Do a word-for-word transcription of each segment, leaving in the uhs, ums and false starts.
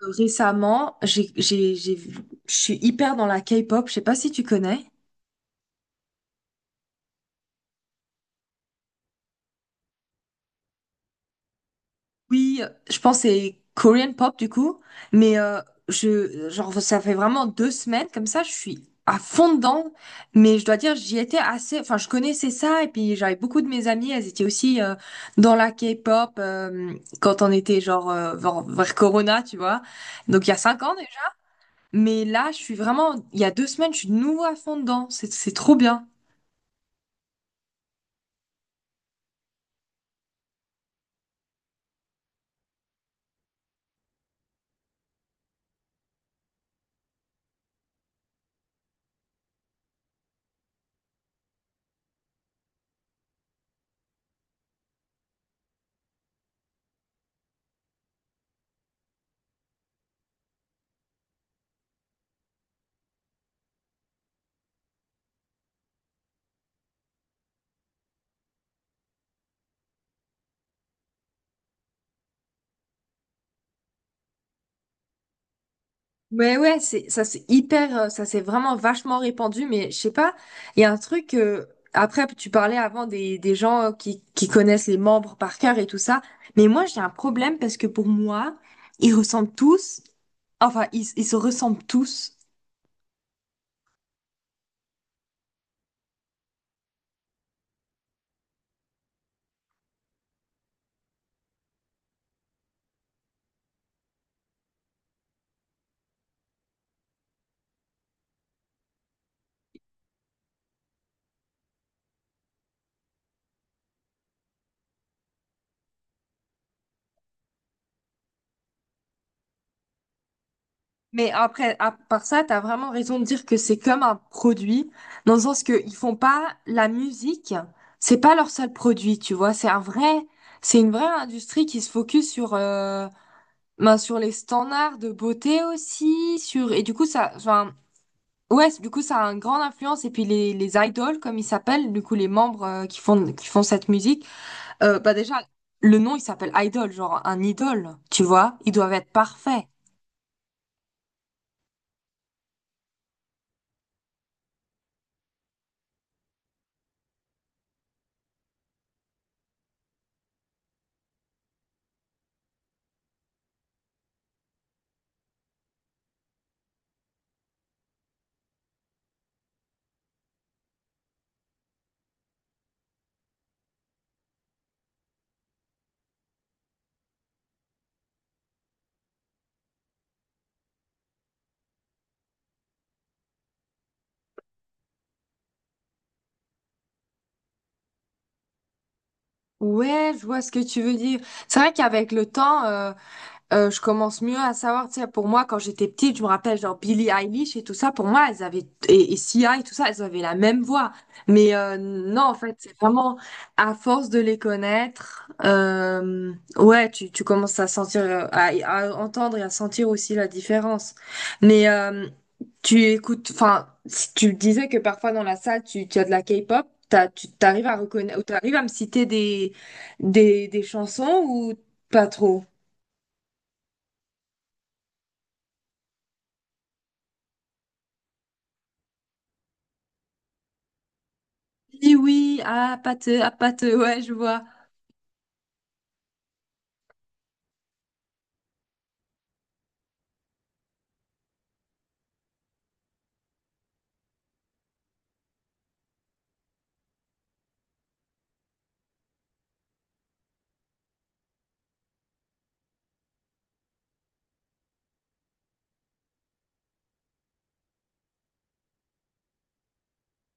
Récemment, j'ai, j'ai, j'ai, vu- je suis hyper dans la K-pop. Je sais pas si tu connais. Oui, je pense que c'est Korean pop du coup. Mais euh, je, genre, ça fait vraiment deux semaines comme ça. Je suis à fond dedans. Mais je dois dire, j'y étais assez. Enfin, je connaissais ça et puis j'avais beaucoup de mes amies. Elles étaient aussi euh, dans la K-pop euh, quand on était genre euh, vers, vers Corona, tu vois. Donc il y a cinq ans déjà. Mais là, je suis vraiment. Il y a deux semaines, je suis de nouveau à fond dedans. C'est, c'est trop bien. Ouais, ouais, c'est, ça c'est hyper, euh, ça c'est vraiment vachement répandu, mais je sais pas, il y a un truc, euh, après tu parlais avant des, des gens euh, qui, qui connaissent les membres par cœur et tout ça, mais moi j'ai un problème parce que pour moi, ils ressemblent tous, enfin ils, ils se ressemblent tous, mais après, à part ça, t'as vraiment raison de dire que c'est comme un produit, dans le sens que ils font pas la musique, c'est pas leur seul produit, tu vois, c'est un vrai, c'est une vraie industrie qui se focus sur... euh, Ben, sur les standards de beauté aussi, sur et du coup ça, enfin ouais, du coup ça a une grande influence et puis les les idoles comme ils s'appellent, du coup les membres euh, qui font qui font cette musique, euh, bah déjà le nom il s'appelle idol, genre un idole, tu vois, ils doivent être parfaits. Ouais, je vois ce que tu veux dire. C'est vrai qu'avec le temps, Euh, je commence mieux à savoir, tu sais, pour moi, quand j'étais petite, je me rappelle, genre, Billie Eilish et tout ça, pour moi, elles avaient, et, et Sia et tout ça, elles avaient la même voix. Mais euh, non, en fait, c'est vraiment, à force de les connaître, euh, ouais, tu, tu commences à sentir, euh, à, à entendre et à sentir aussi la différence. Mais euh, tu écoutes, enfin, si tu disais que parfois dans la salle, tu, tu as de la K-pop, t'as- tu t'arrives à reconnaître, ou t'arrives à me citer des, des, des chansons ou pas trop? Oui, oui, ah, pâteux, ah, pâteux, ouais, je vois.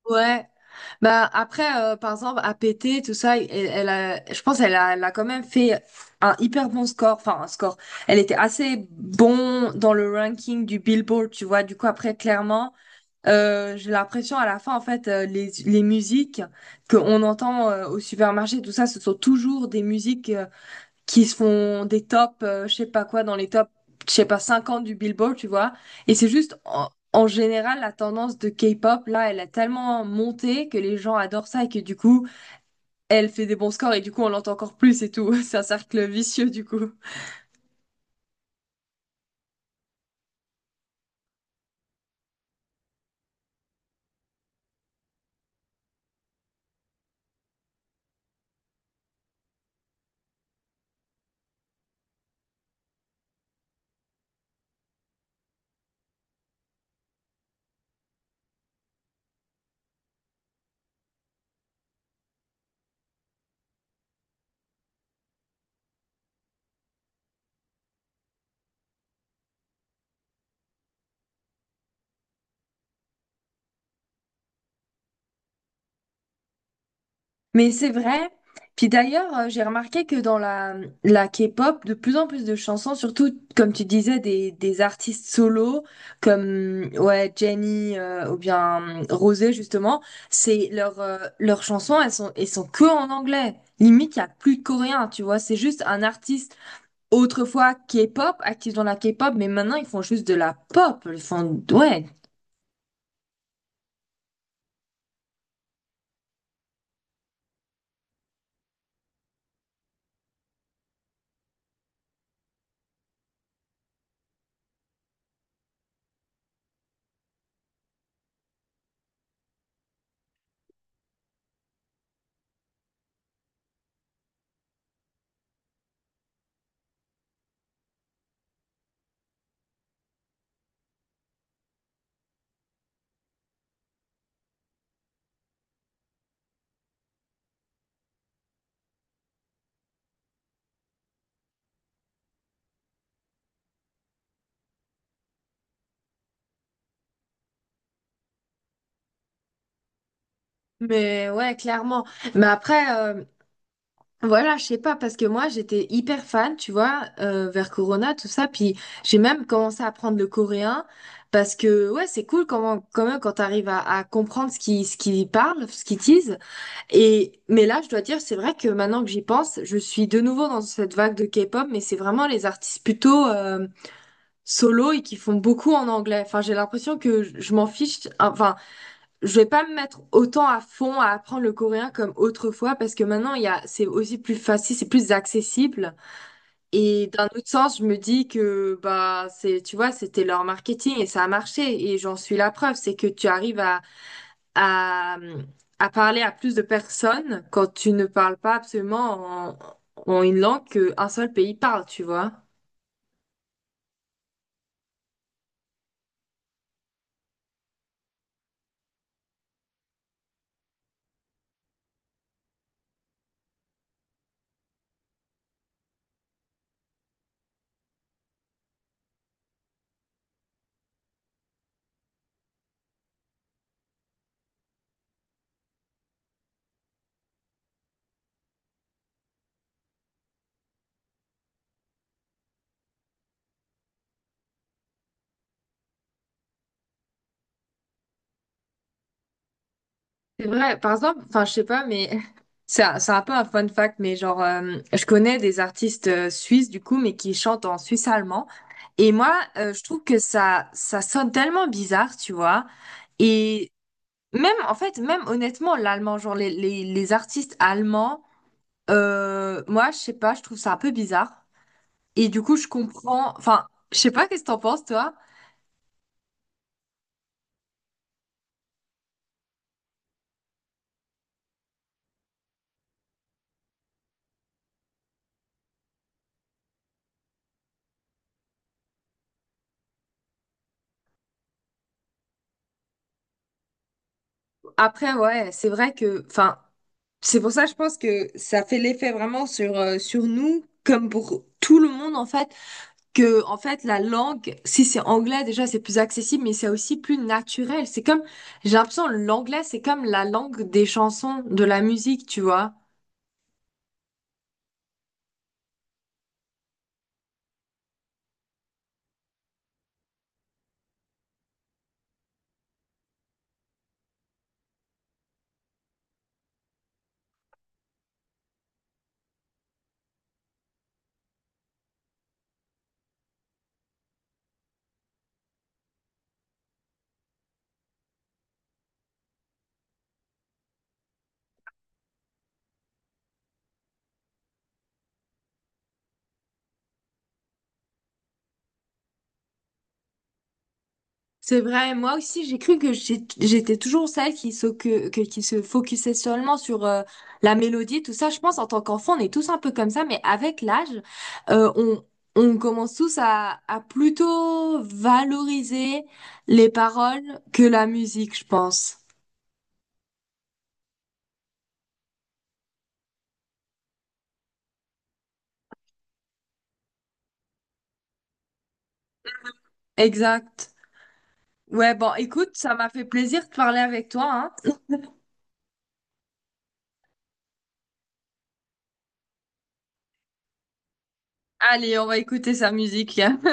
Ouais. Bah, après, euh, par exemple, à péter, tout ça, elle, elle a, je pense elle a, elle a quand même fait un hyper bon score. Enfin, un score. Elle était assez bon dans le ranking du Billboard, tu vois. Du coup, après, clairement, euh, j'ai l'impression à la fin, en fait, euh, les, les musiques qu'on entend euh, au supermarché, tout ça, ce sont toujours des musiques. euh, qui se font des tops, euh, je sais pas quoi, dans les tops, je sais pas, cinquante du Billboard, tu vois. Et c'est juste, en, en général, la tendance de K-pop, là, elle a tellement monté que les gens adorent ça et que du coup, elle fait des bons scores et du coup, on l'entend encore plus et tout. C'est un cercle vicieux, du coup. Mais c'est vrai. Puis d'ailleurs, euh, j'ai remarqué que dans la, la K-pop, de plus en plus de chansons, surtout comme tu disais, des, des artistes solos comme ouais, Jennie euh, ou bien euh, Rosé justement, c'est leur, euh, leurs chansons, elles sont, elles sont que en anglais. Limite, il n'y a plus de coréen, tu vois. C'est juste un artiste autrefois K-pop, actif dans la K-pop, mais maintenant ils font juste de la pop. Ils font, ouais. Mais ouais, clairement. Mais après. euh, Voilà, je sais pas, parce que moi j'étais hyper fan, tu vois, euh, vers Corona, tout ça, puis j'ai même commencé à apprendre le coréen, parce que ouais, c'est cool comment, quand même quand t'arrives à, à comprendre ce qu'ils ce qu'ils parlent, ce qu'ils disent, et mais là je dois dire, c'est vrai que maintenant que j'y pense, je suis de nouveau dans cette vague de K-pop, mais c'est vraiment les artistes plutôt euh, solo et qui font beaucoup en anglais, enfin j'ai l'impression que je je m'en fiche, enfin je vais pas me mettre autant à fond à apprendre le coréen comme autrefois parce que maintenant il y a c'est aussi plus facile, c'est plus accessible et d'un autre sens, je me dis que bah c'est tu vois, c'était leur marketing et ça a marché et j'en suis la preuve, c'est que tu arrives à à à parler à plus de personnes quand tu ne parles pas absolument en, en une langue qu'un seul pays parle, tu vois. C'est vrai, par exemple, enfin, je sais pas, mais c'est un, c'est un peu un fun fact, mais genre, euh, je connais des artistes euh, suisses, du coup, mais qui chantent en suisse allemand. Et moi, euh, je trouve que ça, ça sonne tellement bizarre, tu vois. Et même, en fait, même honnêtement, l'allemand, genre, les, les, les artistes allemands, euh, moi, je sais pas, je trouve ça un peu bizarre. Et du coup, je comprends, enfin, je sais pas, qu'est-ce que t'en penses, toi? Après, ouais, c'est vrai que, enfin, c'est pour ça, je pense que ça fait l'effet vraiment sur, euh, sur nous, comme pour tout le monde, en fait, que, en fait, la langue, si c'est anglais, déjà, c'est plus accessible, mais c'est aussi plus naturel. C'est comme, j'ai l'impression, l'anglais, c'est comme la langue des chansons, de la musique, tu vois. C'est vrai, moi aussi j'ai cru que j'ai- j'étais toujours celle qui se, que, que- qui se focusait seulement sur euh, la mélodie, tout ça. Je pense en tant qu'enfant, on est tous un peu comme ça, mais avec l'âge, euh, on, on commence tous à, à plutôt valoriser les paroles que la musique, je pense. Exact. Ouais, bon, écoute, ça m'a fait plaisir de parler avec toi, hein. Allez, on va écouter sa musique.